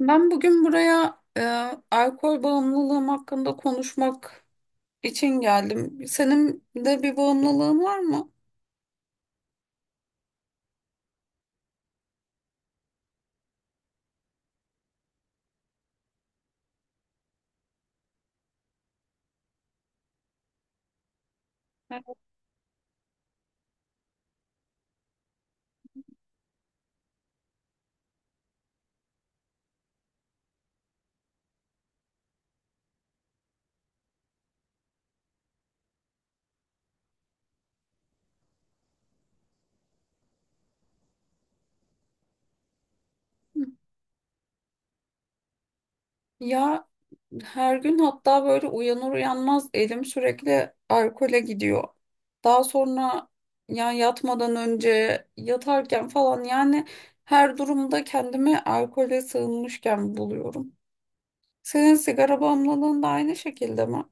Ben bugün buraya alkol bağımlılığım hakkında konuşmak için geldim. Senin de bir bağımlılığın var mı? Ya her gün hatta böyle uyanır uyanmaz elim sürekli alkole gidiyor. Daha sonra yani yatmadan önce yatarken falan yani her durumda kendimi alkole sığınmışken buluyorum. Senin sigara bağımlılığın da aynı şekilde mi?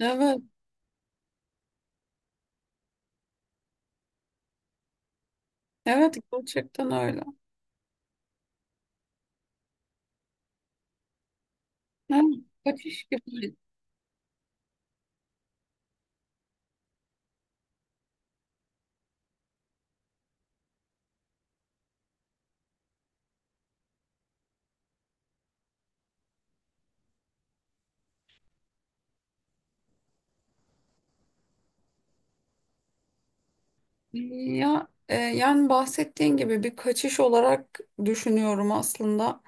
Evet, evet gerçekten öyle. Ha, kaçış gibi. Ya, yani bahsettiğin gibi bir kaçış olarak düşünüyorum aslında.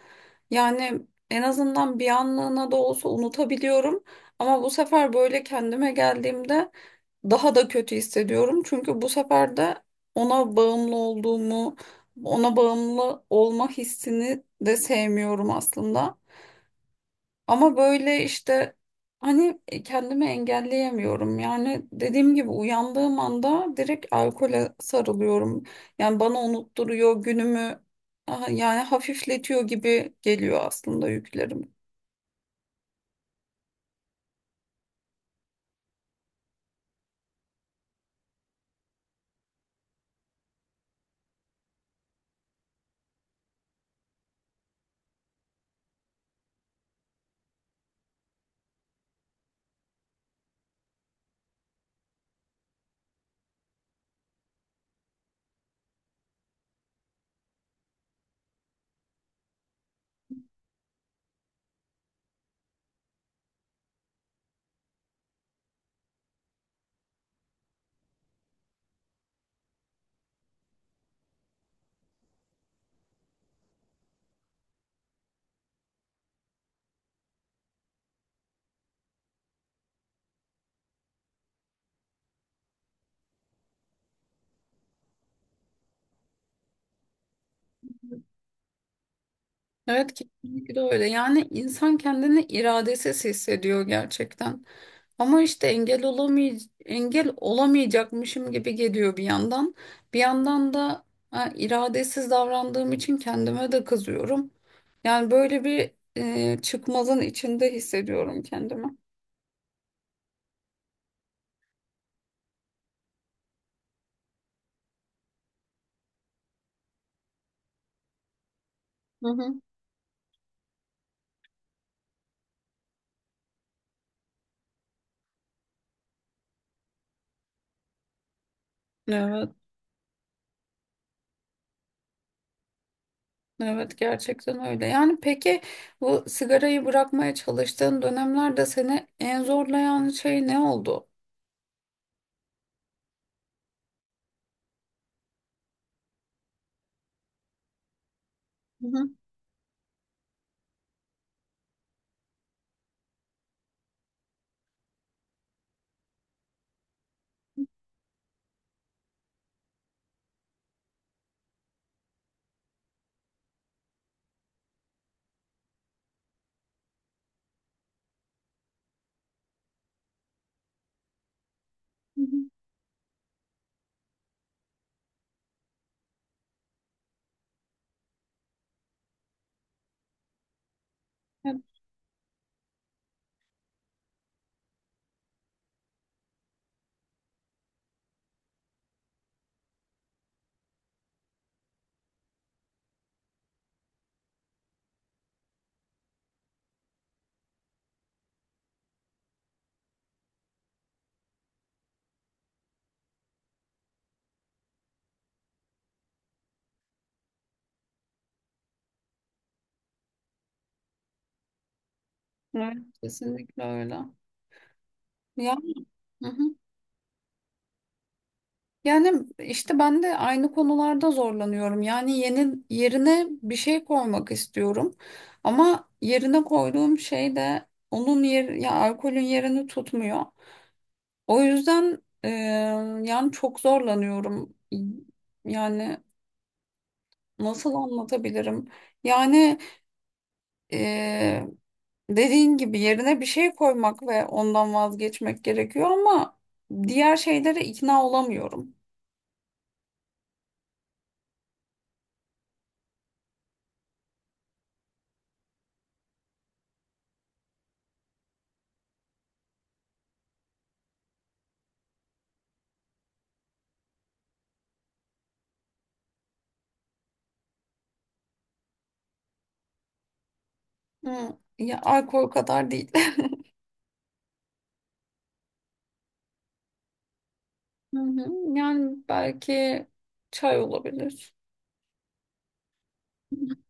Yani en azından bir anlığına da olsa unutabiliyorum. Ama bu sefer böyle kendime geldiğimde daha da kötü hissediyorum. Çünkü bu sefer de ona bağımlı olduğumu, ona bağımlı olma hissini de sevmiyorum aslında. Ama böyle işte hani kendimi engelleyemiyorum. Yani dediğim gibi uyandığım anda direkt alkole sarılıyorum. Yani bana unutturuyor günümü aha, yani hafifletiyor gibi geliyor aslında yüklerimi. Evet kesinlikle öyle. Yani insan kendini iradesiz hissediyor gerçekten. Ama işte engel olamayacakmışım gibi geliyor bir yandan. Bir yandan da ha, iradesiz davrandığım için kendime de kızıyorum. Yani böyle bir çıkmazın içinde hissediyorum kendimi. Hı hı. Evet, evet gerçekten öyle. Yani peki bu sigarayı bırakmaya çalıştığın dönemlerde seni en zorlayan şey ne oldu? Hı hı. Hı hı. Evet, evet, kesinlikle öyle. Ya. Hı. Yani işte ben de aynı konularda zorlanıyorum. Yani yeni yerine bir şey koymak istiyorum. Ama yerine koyduğum şey de onun yer ya alkolün yerini tutmuyor. O yüzden yani çok zorlanıyorum. Yani nasıl anlatabilirim? Yani e, dediğin gibi yerine bir şey koymak ve ondan vazgeçmek gerekiyor ama diğer şeylere ikna olamıyorum. Hı, ya alkol kadar değil. Hı hı. Yani belki çay olabilir.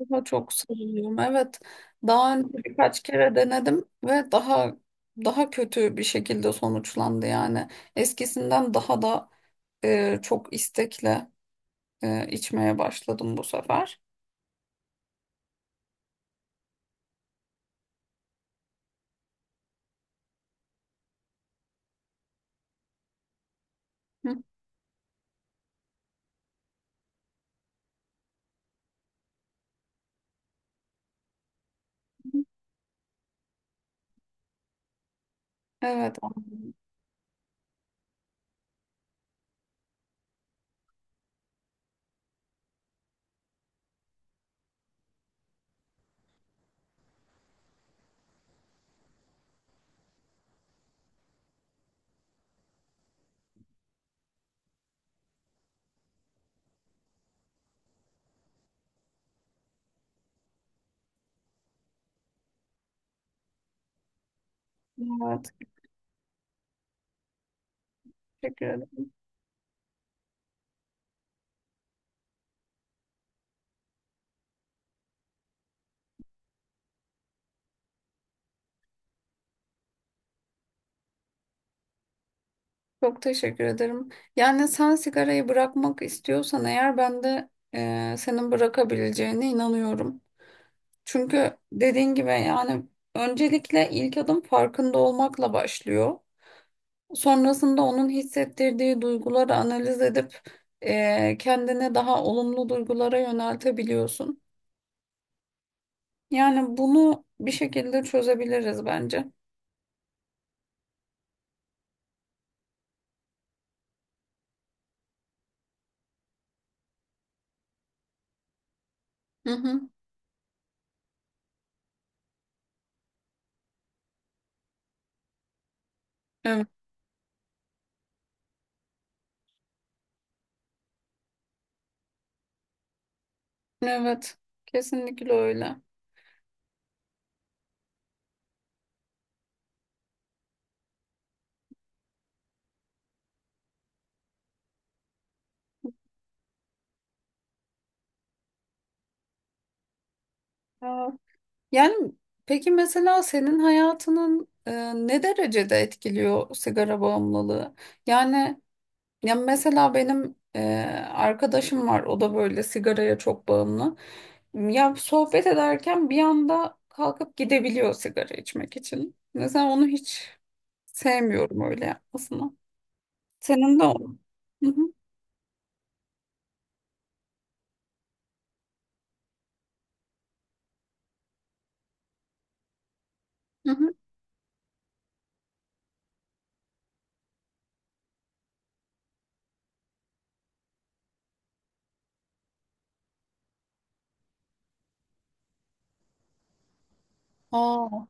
Daha çok sarılıyorum. Evet. Daha önce birkaç kere denedim ve daha daha kötü bir şekilde sonuçlandı yani. Eskisinden daha da çok istekle içmeye başladım bu sefer. Hı. Evet. Evet. Teşekkür ederim. Çok teşekkür ederim. Yani sen sigarayı bırakmak istiyorsan eğer ben de senin bırakabileceğine inanıyorum. Çünkü dediğin gibi yani öncelikle ilk adım farkında olmakla başlıyor. Sonrasında onun hissettirdiği duyguları analiz edip kendini daha olumlu duygulara yöneltebiliyorsun. Yani bunu bir şekilde çözebiliriz bence. Hı hı. Evet, evet, kesinlikle öyle. Aa, yani peki mesela senin hayatının ne derecede etkiliyor sigara bağımlılığı? Yani ya mesela benim arkadaşım var. O da böyle sigaraya çok bağımlı. Ya sohbet ederken bir anda kalkıp gidebiliyor sigara içmek için. Mesela onu hiç sevmiyorum öyle yapmasını. Senin de o. Hı hı, hı hı. Aa,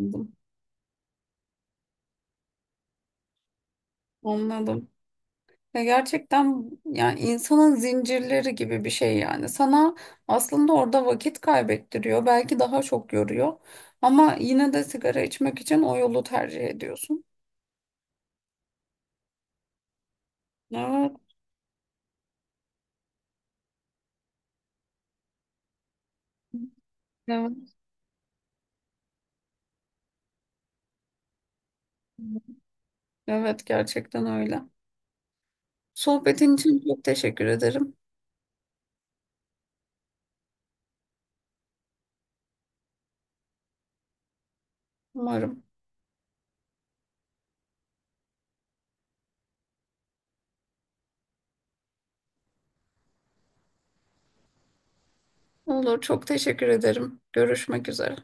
anladım. Anladım. Ya gerçekten yani insanın zincirleri gibi bir şey yani. Sana aslında orada vakit kaybettiriyor. Belki daha çok yoruyor. Ama yine de sigara içmek için o yolu tercih ediyorsun. Evet, evet, evet gerçekten öyle. Sohbetin için çok teşekkür ederim. Umarım. Olur, çok teşekkür ederim. Görüşmek üzere.